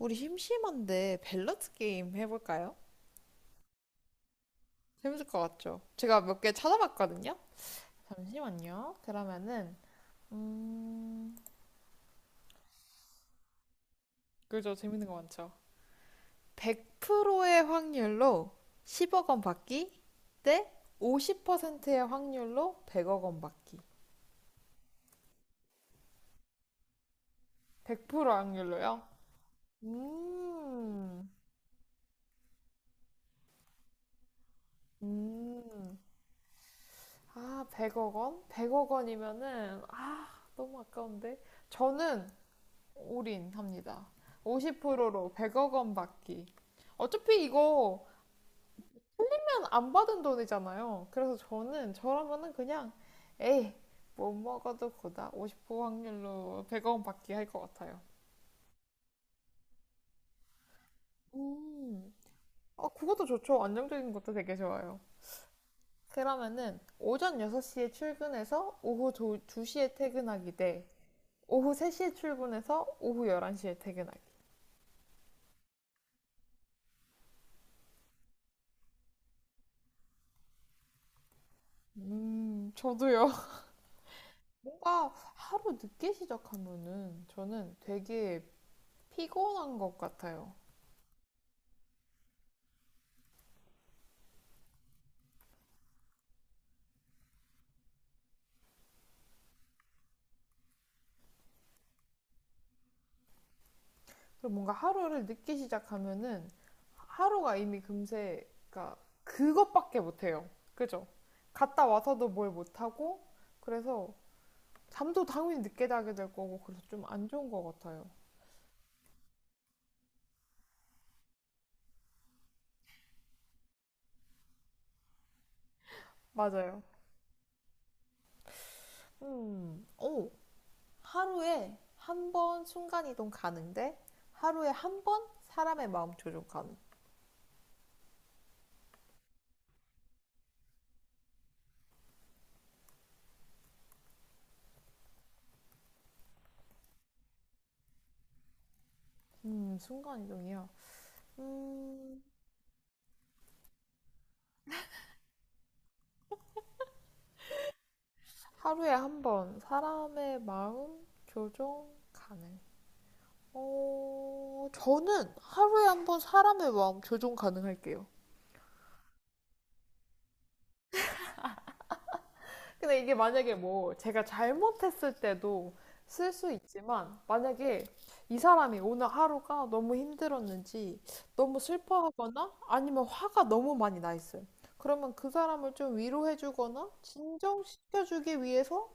우리 심심한데 밸런스 게임 해볼까요? 재밌을 것 같죠? 제가 몇 개 찾아봤거든요. 잠시만요. 그러면은 음, 그죠? 재밌는 거 많죠. 100%의 확률로 10억 원 받기 대 50%의 확률로 100억 원 받기. 100% 확률로요? 음. 음. 아, 100억 원? 100억 원이면은 아, 너무 아까운데. 저는 올인합니다. 50%로 100억 원 받기. 어차피 이거 그냥 안 받은 돈이잖아요. 그래서 저는 저라면은 그냥 에이 못 먹어도 고다 50% 확률로 100억 원 받기 할 것 같아요. 음, 아 그것도 좋죠. 안정적인 것도 되게 좋아요. 그러면은 오전 6시에 출근해서 오후 2시에 퇴근하기 대 오후 3시에 출근해서 오후 11시에 퇴근하기. 저도요. 뭔가 하루 늦게 시작하면은 저는 되게 피곤한 것 같아요. 그리고 뭔가 하루를 늦게 시작하면은 하루가 이미 금세, 그러니까 그것밖에 못해요. 그죠? 갔다 와서도 뭘 못하고, 그래서 잠도 당연히 늦게 자게 될 거고, 그래서 좀 안 좋은 것 같아요. 맞아요. 음, 오, 하루에 한 번 순간이동 가능데, 하루에 한 번 사람의 마음 조종 가능. 순간이동이요. 음, 하루에 한번 사람의 마음 교정 가능. 저는 하루에 한번 사람의 마음 교정 가능할게요. 근데 이게 만약에 뭐 제가 잘못했을 때도 쓸 수 있지만 만약에 이 사람이 오늘 하루가 너무 힘들었는지 너무 슬퍼하거나 아니면 화가 너무 많이 나 있어요. 그러면 그 사람을 좀 위로해주거나 진정시켜주기 위해서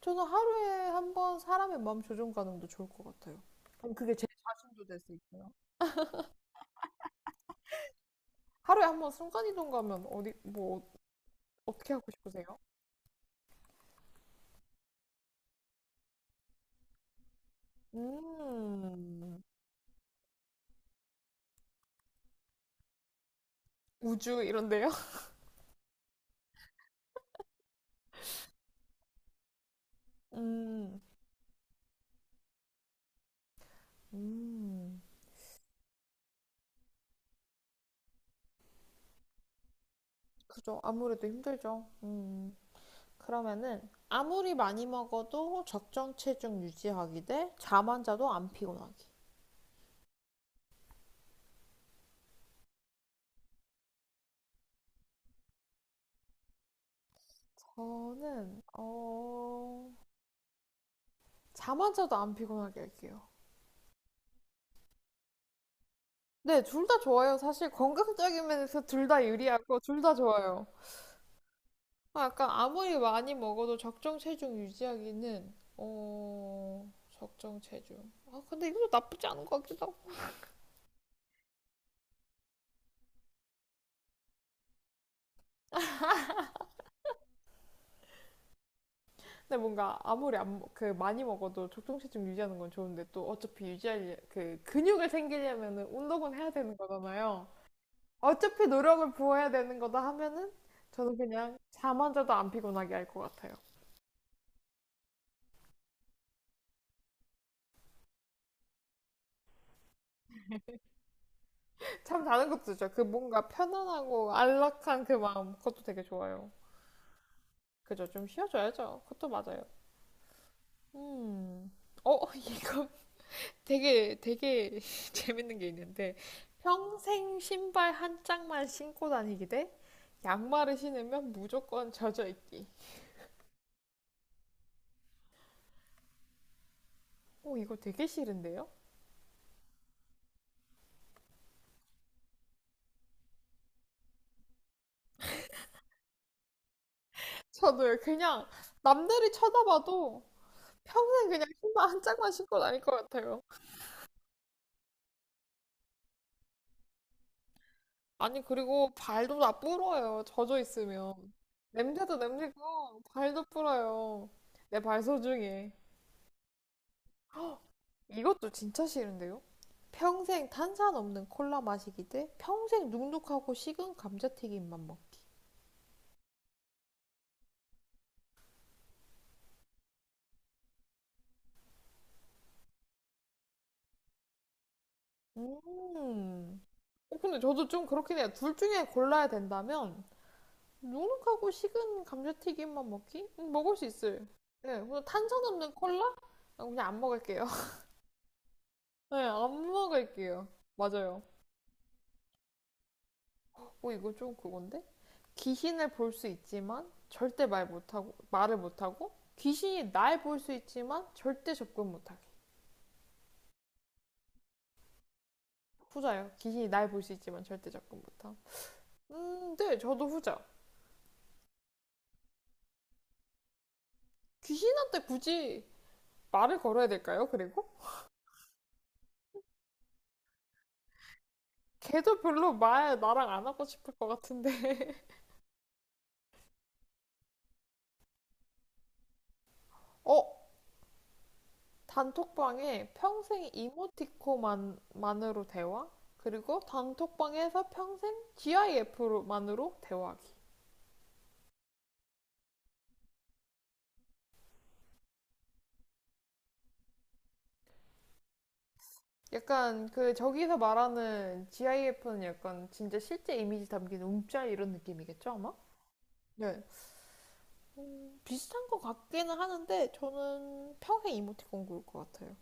저는 하루에 한 번 사람의 마음 조종 가능도 좋을 것 같아요. 그럼 그게 제 자신도 될 수 있고요. 하루에 한 번 순간이동 가면 어디, 뭐, 어떻게 하고 싶으세요? 음, 우주 이런데요? 음. 음. 그죠. 아무래도 힘들죠. 그러면은 아무리 많이 먹어도 적정 체중 유지하기 대 잠안 자도 안 피곤하기. 저는, 잠 안 자도 안 피곤하게 할게요. 네, 둘 다 좋아요. 사실 건강적인 면에서 둘 다 유리하고 둘 다 좋아요. 아, 약간 아무리 많이 먹어도 적정 체중 유지하기는 적정 체중. 아, 근데 이것도 나쁘지 않은 것 같기도 하고. 근데 뭔가 아무리 안, 먹- 그 많이 먹어도 적정 체중 유지하는 건 좋은데 또 어차피 유지할 그 근육을 생기려면은 운동은 해야 되는 거잖아요. 어차피 노력을 부어야 되는 거다 하면은 저는 그냥 잠만 자도 안 피곤하게 할 것 같아요. 참 다른 것도 좋죠. 그 뭔가 편안하고 안락한 그 마음, 그것도 되게 좋아요. 그죠? 좀 쉬어줘야죠. 그것도 맞아요. 음, 이거 되게 되게 재밌는 게 있는데 평생 신발 한 짝만 신고 다니기 대 양말을 신으면 무조건 젖어 있기. 오, 이거 되게 싫은데요? 저도요. 그냥 남들이 쳐다봐도 평생 그냥 신발 한 짝만 신고 다닐 것 같아요. 아니, 그리고 발도 다 불어요. 젖어 있으면. 냄새도 냄새고, 발도 불어요. 내 발 소중해. 헉, 이것도 진짜 싫은데요? 평생 탄산 없는 콜라 마시기 대 평생 눅눅하고 식은 감자튀김만 먹기. 음. 근데 저도 좀 그렇긴 해요. 둘 중에 골라야 된다면, 눅눅하고 식은 감자튀김만 먹기? 먹을 수 있어요. 네, 그냥 탄산 없는 콜라? 아, 그냥 안 먹을게요. 네, 안 먹을게요. 맞아요. 이거 좀 그건데? 귀신을 볼 수 있지만 절대 말을 못하고, 귀신이 날 볼 수 있지만 절대 접근 못하게. 후자요. 귀신이 날 볼 수 있지만 절대 접근 못함. 네, 저도 후자. 귀신한테 굳이 말을 걸어야 될까요? 그리고? 걔도 별로 말 나랑 안 하고 싶을 것 같은데. 어, 단톡방에 평생 이모티콘만으로 대화? 그리고 단톡방에서 평생 GIF만으로 대화하기. 약간 그 저기서 말하는 GIF는 약간 진짜 실제 이미지 담긴 움짤 이런 느낌이겠죠, 아마? 네. 비슷한 것 같기는 하는데 저는 평생 이모티콘 고를 것 같아요.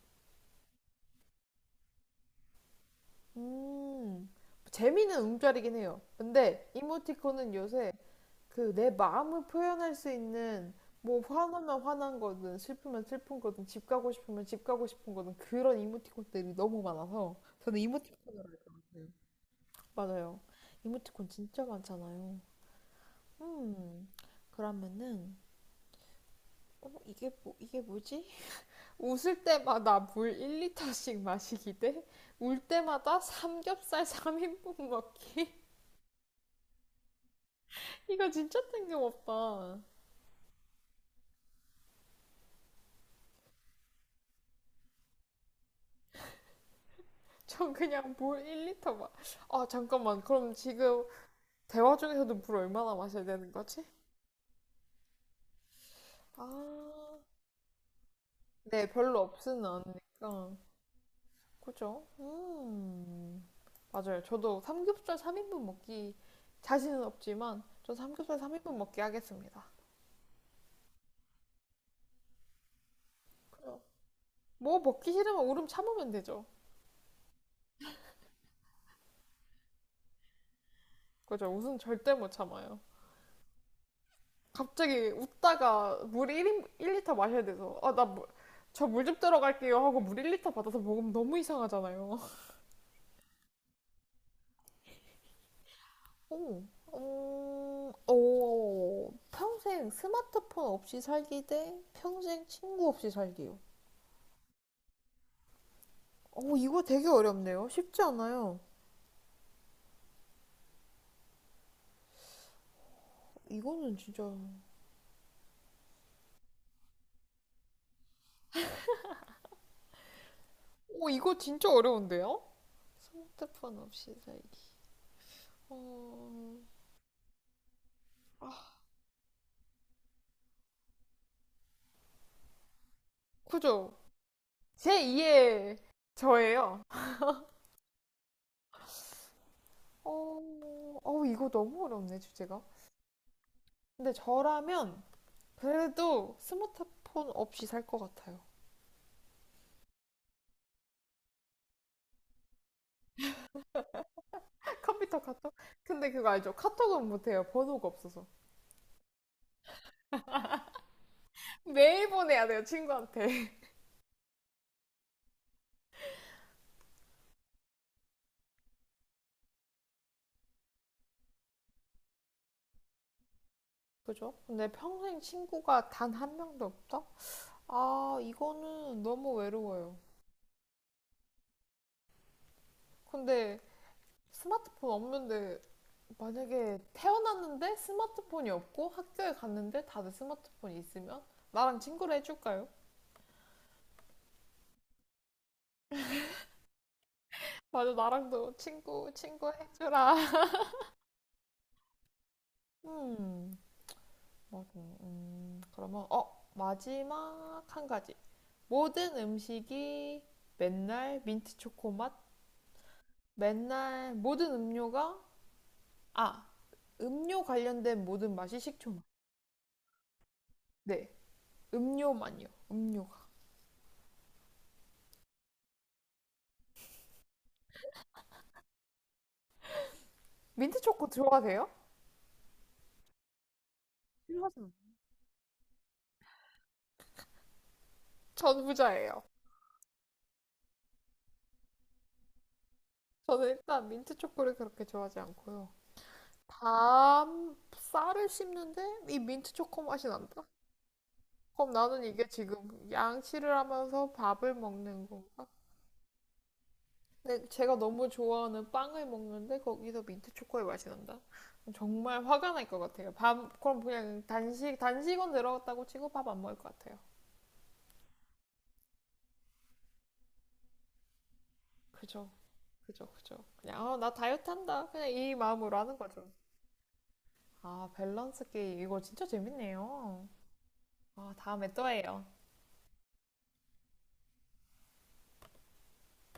음, 재미는 움짤이긴 해요. 근데 이모티콘은 요새 그 내 마음을 표현할 수 있는 뭐 화나면 화난 거든 슬프면 슬픈 거든 집 가고 싶으면 집 가고 싶은 거든 그런 이모티콘들이 너무 많아서 저는 이모티콘으로 할 것 같아요. 맞아요. 이모티콘 진짜 많잖아요. 음, 그러면은, 이게 뭐지? 웃을 때마다 물 1리터씩 마시기 대, 울 때마다 삼겹살 3인분 먹기. 이거 진짜 뜬금없다. 전 그냥 물 1리터 아, 잠깐만. 그럼 지금 대화 중에서도 물 얼마나 마셔야 되는 거지? 아, 네, 별로 없으는 않으니까. 그죠? 음. 맞아요. 저도 삼겹살 3인분 먹기 자신은 없지만 저 삼겹살 3인분 먹기 하겠습니다. 그죠? 뭐 먹기 싫으면 울음 참으면 되죠. 그죠? 웃음 절대 못 참아요. 갑자기 웃다가 물 리터 마셔야 돼서 아, 나 저 물 좀 들어갈게요 하고 물 1리터 받아서 먹으면 너무 이상하잖아요. 오, 평생 스마트폰 없이 살기 대 평생 친구 없이 살기요. 이거 되게 어렵네요. 쉽지 않아요. 이거는 진짜. 오, 이거 진짜 어려운데요? 스마트폰 없이 살기. 어, 아, 그죠? 제2의 저예요. 어, 이거 너무 어렵네, 주제가. 근데 저라면 그래도 스마트폰 없이 살 것 같아요. 컴퓨터 카톡? 근데 그거 알죠? 카톡은 못해요. 번호가 없어서. 매일 보내야 돼요, 친구한테. 그죠? 근데 평생 친구가 단 한 명도 없다? 아, 이거는 너무 외로워요. 근데 스마트폰 없는데, 만약에 태어났는데 스마트폰이 없고 학교에 갔는데 다들 스마트폰이 있으면 나랑 친구를 해줄까요? 맞아, 나랑도 친구, 친구 해주라. 음, 맞아. 그러면, 마지막 한 가지. 모든 음식이 맨날 민트 초코 맛, 맨날 아, 음료 관련된 모든 맛이 식초 맛. 네. 음료만요. 음료가. 민트 초코 좋아하세요? 싫어하진 전 부자예요. 저는 일단 민트 초코를 그렇게 좋아하지 않고요. 밤 쌀을 씹는데 이 민트 초코 맛이 난다? 그럼 나는 이게 지금 양치를 하면서 밥을 먹는 건가? 근데 제가 너무 좋아하는 빵을 먹는데 거기서 민트 초코의 맛이 난다? 정말 화가 날 것 같아요. 그럼 그냥 단식은 들어갔다고 치고 밥 안 먹을 것 같아요. 그죠? 그죠, 그죠. 그냥, 나 다이어트 한다. 그냥 이 마음으로 하는 거죠. 아, 밸런스 게임. 이거 진짜 재밌네요. 아, 다음에 또 해요.